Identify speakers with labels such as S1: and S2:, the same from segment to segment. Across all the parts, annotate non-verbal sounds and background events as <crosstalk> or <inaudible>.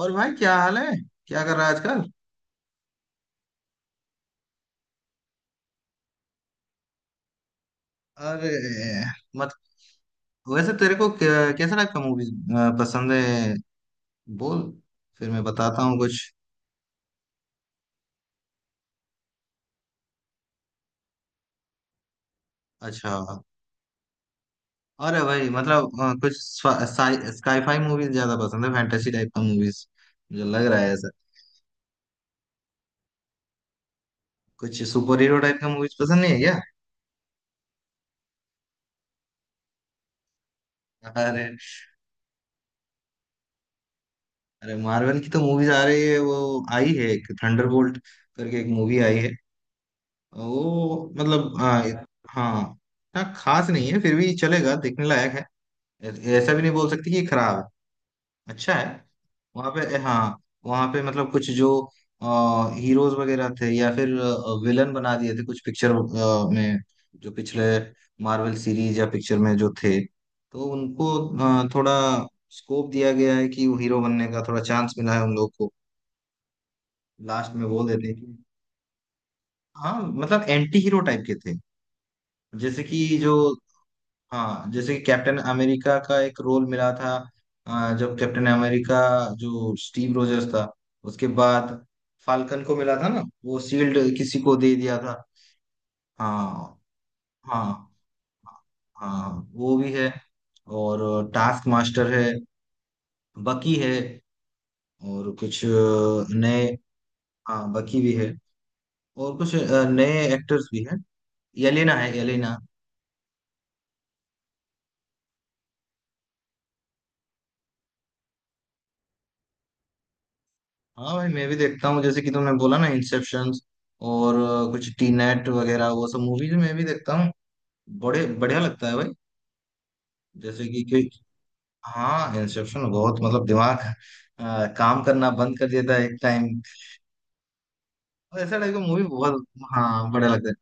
S1: और भाई क्या हाल है, क्या कर रहा है आजकल? अरे मत, वैसे तेरे को कैसे टाइप का मूवीज पसंद है बोल, फिर मैं बताता हूँ कुछ। अच्छा। अरे भाई मतलब कुछ स्काईफाई मूवीज ज्यादा पसंद है, फैंटेसी टाइप का मूवीज मुझे लग रहा है ऐसा। कुछ सुपर हीरो टाइप का मूवीज पसंद नहीं है क्या? अरे, अरे मार्वल की तो मूवीज आ रही है, वो आई है, एक थंडरबोल्ट करके एक मूवी आई है। वो मतलब हाँ हाँ इतना खास नहीं है, फिर भी चलेगा, देखने लायक है। ऐ- ऐसा भी नहीं बोल सकती कि खराब है, अच्छा है। वहाँ पे हाँ, वहाँ पे मतलब कुछ जो हीरोज वगैरह थे या फिर विलन बना दिए थे कुछ पिक्चर में, जो पिछले मार्वल सीरीज या पिक्चर में जो थे, तो उनको थोड़ा स्कोप दिया गया है कि वो हीरो बनने का थोड़ा चांस मिला है उन लोग को, लास्ट में बोल देते हैं कि। हाँ मतलब एंटी हीरो टाइप के थे, जैसे कि जो। हाँ जैसे कि कैप्टन अमेरिका का एक रोल मिला था, जब कैप्टन अमेरिका, जो स्टीव रोजर्स था, उसके बाद फाल्कन को मिला था ना, वो शील्ड किसी को दे दिया था। हाँ। हाँ। हाँ, वो भी है, और टास्क मास्टर है, बकी है, और कुछ नए। हाँ बकी भी है, और कुछ नए एक्टर्स भी हैं, येलेना है येलेना। हाँ भाई मैं भी देखता हूँ, जैसे कि तुमने बोला ना इंसेप्शन और कुछ टी नेट वगैरह, वो सब मूवीज मैं भी देखता हूँ, बड़े बढ़िया लगता है भाई। जैसे कि, हाँ इंसेप्शन बहुत मतलब दिमाग काम करना बंद कर देता है एक टाइम। ऐसा टाइप का मूवी बहुत, हाँ बढ़िया लगता है।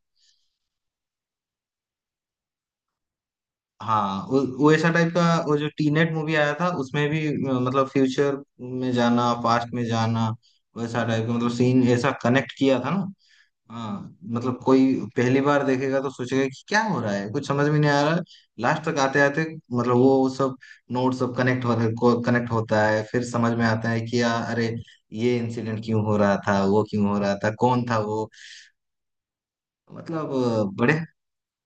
S1: हाँ वो ऐसा टाइप का, वो जो टी नेट मूवी आया था उसमें भी मतलब फ्यूचर में जाना, पास्ट में जाना, वैसा टाइप का मतलब सीन ऐसा कनेक्ट किया था ना। हाँ मतलब कोई पहली बार देखेगा तो सोचेगा कि क्या हो रहा है, कुछ समझ में नहीं आ रहा, लास्ट तक आते आते मतलब वो सब नोट सब कनेक्ट हो को कनेक्ट होता है, फिर समझ में आता है कि यार अरे ये इंसिडेंट क्यों हो रहा था, वो क्यों हो रहा था, कौन था वो। मतलब बड़े।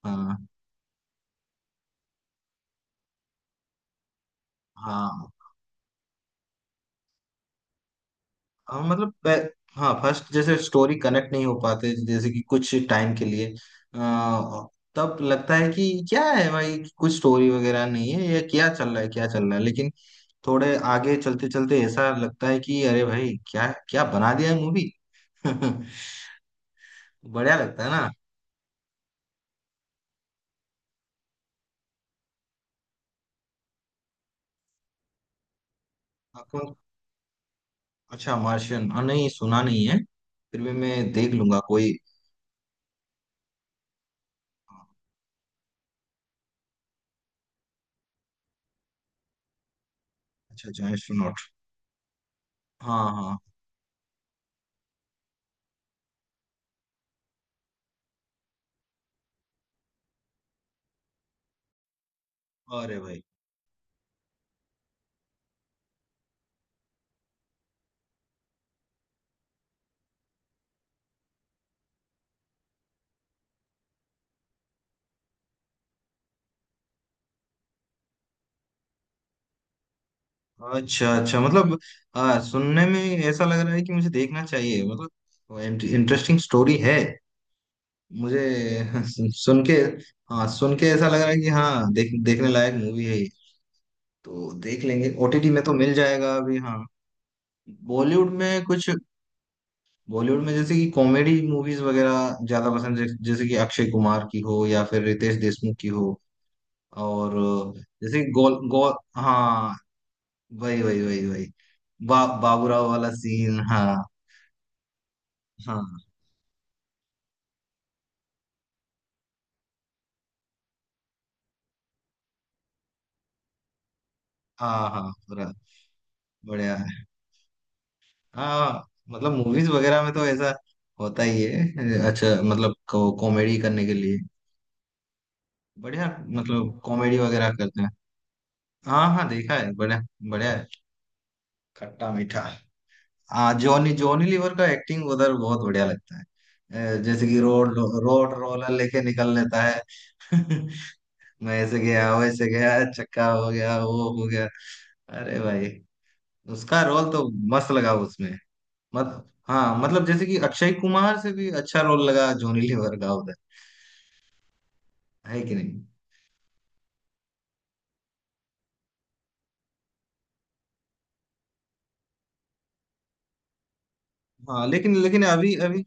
S1: हाँ। हाँ। हाँ, मतलब हाँ फर्स्ट जैसे स्टोरी कनेक्ट नहीं हो पाते जैसे कि कुछ टाइम के लिए, अ, तब लगता है कि क्या है भाई, कुछ स्टोरी वगैरह नहीं है, ये क्या चल रहा है क्या चल रहा है, लेकिन थोड़े आगे चलते चलते ऐसा लगता है कि अरे भाई क्या क्या बना दिया है मूवी। <laughs> बढ़िया लगता है ना। आपको। अच्छा मार्शियन, नहीं सुना नहीं है, फिर भी मैं देख लूंगा कोई। अच्छा अच्छा एस्ट्रोनॉट। हाँ हाँ। अरे भाई। अच्छा अच्छा मतलब सुनने में ऐसा लग रहा है कि मुझे देखना चाहिए, मतलब इंटरेस्टिंग स्टोरी है मुझे। <laughs> सुन के। हाँ सुन के ऐसा लग रहा है कि हाँ देख देखने लायक मूवी है ये। तो देख लेंगे, ओटीटी में तो मिल जाएगा अभी, हाँ। बॉलीवुड में कुछ, बॉलीवुड में जैसे कि कॉमेडी मूवीज वगैरह ज्यादा पसंद है, जैसे कि अक्षय कुमार की हो या फिर रितेश देशमुख की हो और जैसे कि गोल गोल। हाँ वही वही वही वही। बाबूराव वाला सीन, हाँ। हाँ हाँ हाँ पूरा। बढ़िया है। हाँ मतलब मूवीज वगैरह में तो ऐसा होता ही है। अच्छा मतलब कॉमेडी करने के लिए बढ़िया, मतलब कॉमेडी वगैरह करते हैं। हाँ हाँ देखा है, बढ़िया। बढ़िया है खट्टा मीठा। हाँ जॉनी, जॉनी लीवर का एक्टिंग उधर बहुत बढ़िया लगता है। जैसे कि रोड, रोड रोलर लेके निकल लेता है। <laughs> मैं ऐसे गया वैसे गया, चक्का हो गया वो हो गया। अरे भाई, उसका रोल तो मस्त लगा उसमें। मत। हाँ मतलब जैसे कि अक्षय कुमार से भी अच्छा रोल लगा जॉनी लीवर का उधर, है कि नहीं। हाँ लेकिन लेकिन अभी अभी,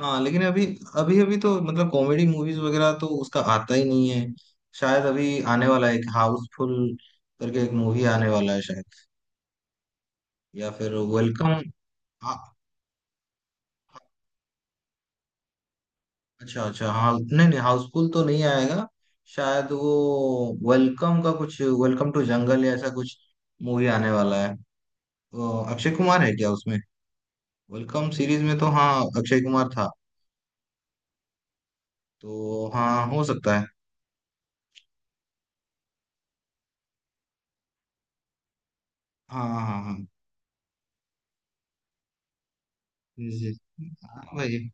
S1: हाँ लेकिन अभी अभी, अभी तो मतलब कॉमेडी मूवीज वगैरह तो उसका आता ही नहीं है, शायद अभी आने वाला है एक हाउसफुल करके एक मूवी आने वाला है शायद, या फिर वेलकम। अच्छा अच्छा, हाँ नहीं नहीं हाउसफुल तो नहीं आएगा शायद, वो वेलकम का कुछ, वेलकम टू जंगल या ऐसा कुछ मूवी आने वाला है, तो अक्षय कुमार है क्या उसमें? वेलकम सीरीज में तो हाँ, अक्षय कुमार था, तो हाँ हो सकता है। हाँ हाँ हाँ। जी जी। हाँ, भाई।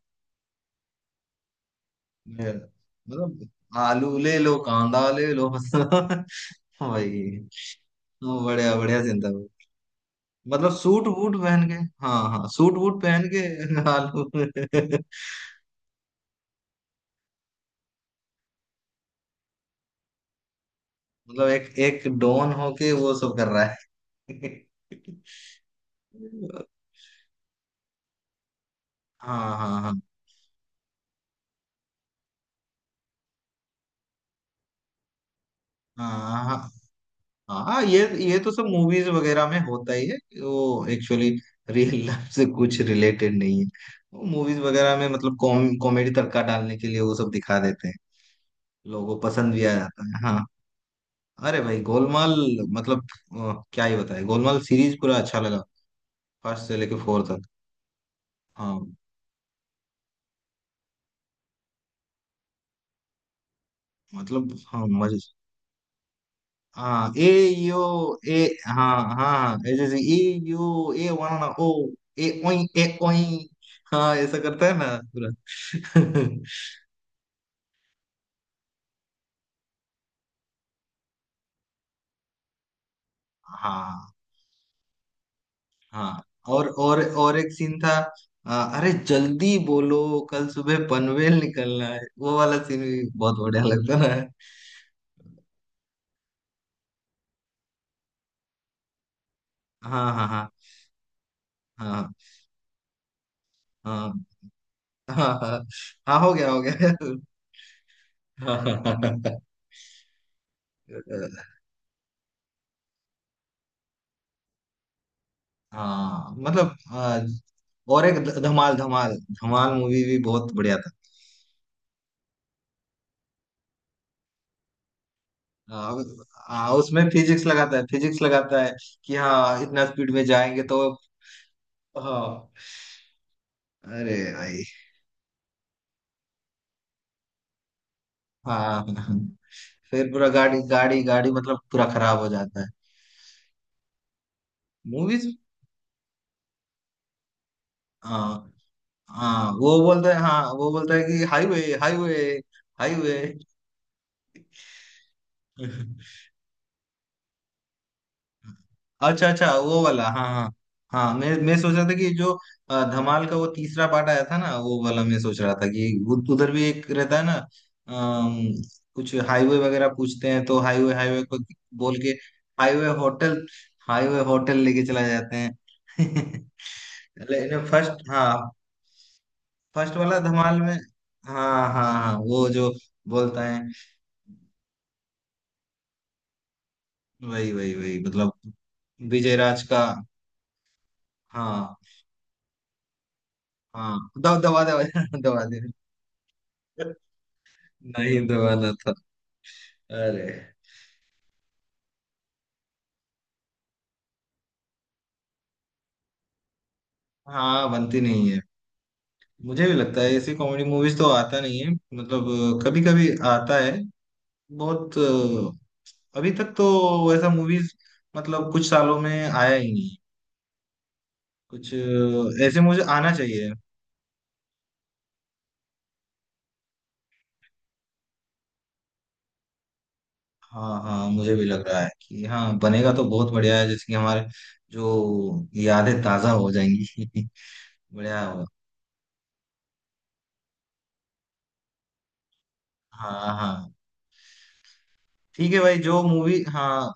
S1: ये, मतलब आलू ले लो कांदा ले लो बस भाई। हाँ, बढ़िया बढ़िया जिंदा हो। मतलब सूट वूट पहन के, हाँ हाँ सूट वूट पहन के <laughs> आलू। मतलब एक एक डॉन होके वो सब कर रहा है। <laughs> हाँ हाँ हाँ हाँ हाँ हाँ हाँ, ये तो सब मूवीज वगैरह में होता ही है, वो एक्चुअली रियल लाइफ से कुछ रिलेटेड नहीं है, वो मूवीज वगैरह में मतलब कॉमेडी तड़का डालने के लिए वो सब दिखा देते हैं, लोगों को पसंद भी आ जाता है हाँ। अरे भाई गोलमाल मतलब क्या ही बताए, गोलमाल सीरीज पूरा अच्छा लगा, फर्स्ट से लेके फोर तक। हाँ मतलब हाँ मजे। हाँ ए यू ए, हाँ हाँ ये जैसे ए यू ए वनाना ओ, ए ओई ए ओई, हाँ ऐसा करता है ना पूरा। <laughs> हाँ हाँ। और एक सीन था, अरे जल्दी बोलो, कल सुबह पनवेल निकलना है वो वाला सीन भी बहुत बढ़िया लगता है ना। हाँ हाँ हाँ हाँ हाँ हाँ हाँ हाँ, हो गया हो गया। <laughs> हाँ हाँ हाँ। हाँ, हाँ, मतलब और एक धमाल, धमाल, धमाल मूवी भी बहुत बढ़िया था। आ, आ, उसमें फिजिक्स लगाता है, फिजिक्स लगाता है कि हाँ इतना स्पीड में जाएंगे तो। हाँ। अरे भाई। हाँ हाँ। फिर पूरा गाड़ी गाड़ी गाड़ी मतलब पूरा खराब हो जाता है। मूवीज। हाँ। हाँ वो बोलता है, हाँ वो बोलता है कि हाईवे हाईवे हाईवे। <laughs> अच्छा अच्छा वो वाला, हाँ हाँ। हाँ मैं सोच रहा था कि जो धमाल का वो तीसरा पार्ट आया था ना, वो वाला मैं सोच रहा था कि उधर भी एक रहता है ना, अम, कुछ हाईवे वगैरह पूछते हैं तो हाईवे हाईवे को बोल के हाईवे होटल, हाईवे होटल लेके चला जाते हैं। <laughs> लेकिन फर्स्ट हाँ, फर्स्ट वाला धमाल में। हाँ हाँ हाँ वो जो बोलता है। वही वही वही मतलब। विजय राज का हाँ। हाँ दवा दवा दवा <laughs> दवा दे, नहीं दवाना था। अरे। हाँ बनती नहीं है, मुझे भी लगता है ऐसी कॉमेडी मूवीज तो आता नहीं है मतलब, कभी कभी आता है, बहुत अभी तक तो वैसा मूवीज मतलब कुछ सालों में आया ही नहीं, कुछ ऐसे मुझे आना चाहिए। हाँ हाँ मुझे भी लग रहा है कि हाँ बनेगा तो बहुत बढ़िया है, जैसे कि हमारे जो यादें ताजा हो जाएंगी। <laughs> बढ़िया होगा। हाँ हाँ। ठीक है भाई, जो मूवी हाँ,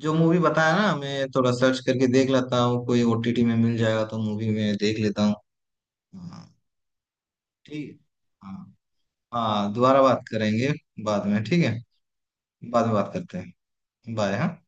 S1: जो मूवी बताया ना मैं थोड़ा सर्च करके देख लेता हूँ, कोई ओटीटी में मिल जाएगा तो मूवी में देख लेता हूँ। हाँ ठीक है, हाँ। हाँ दोबारा बात करेंगे बाद में, ठीक है, बाद में बात करते हैं। बाय, हाँ।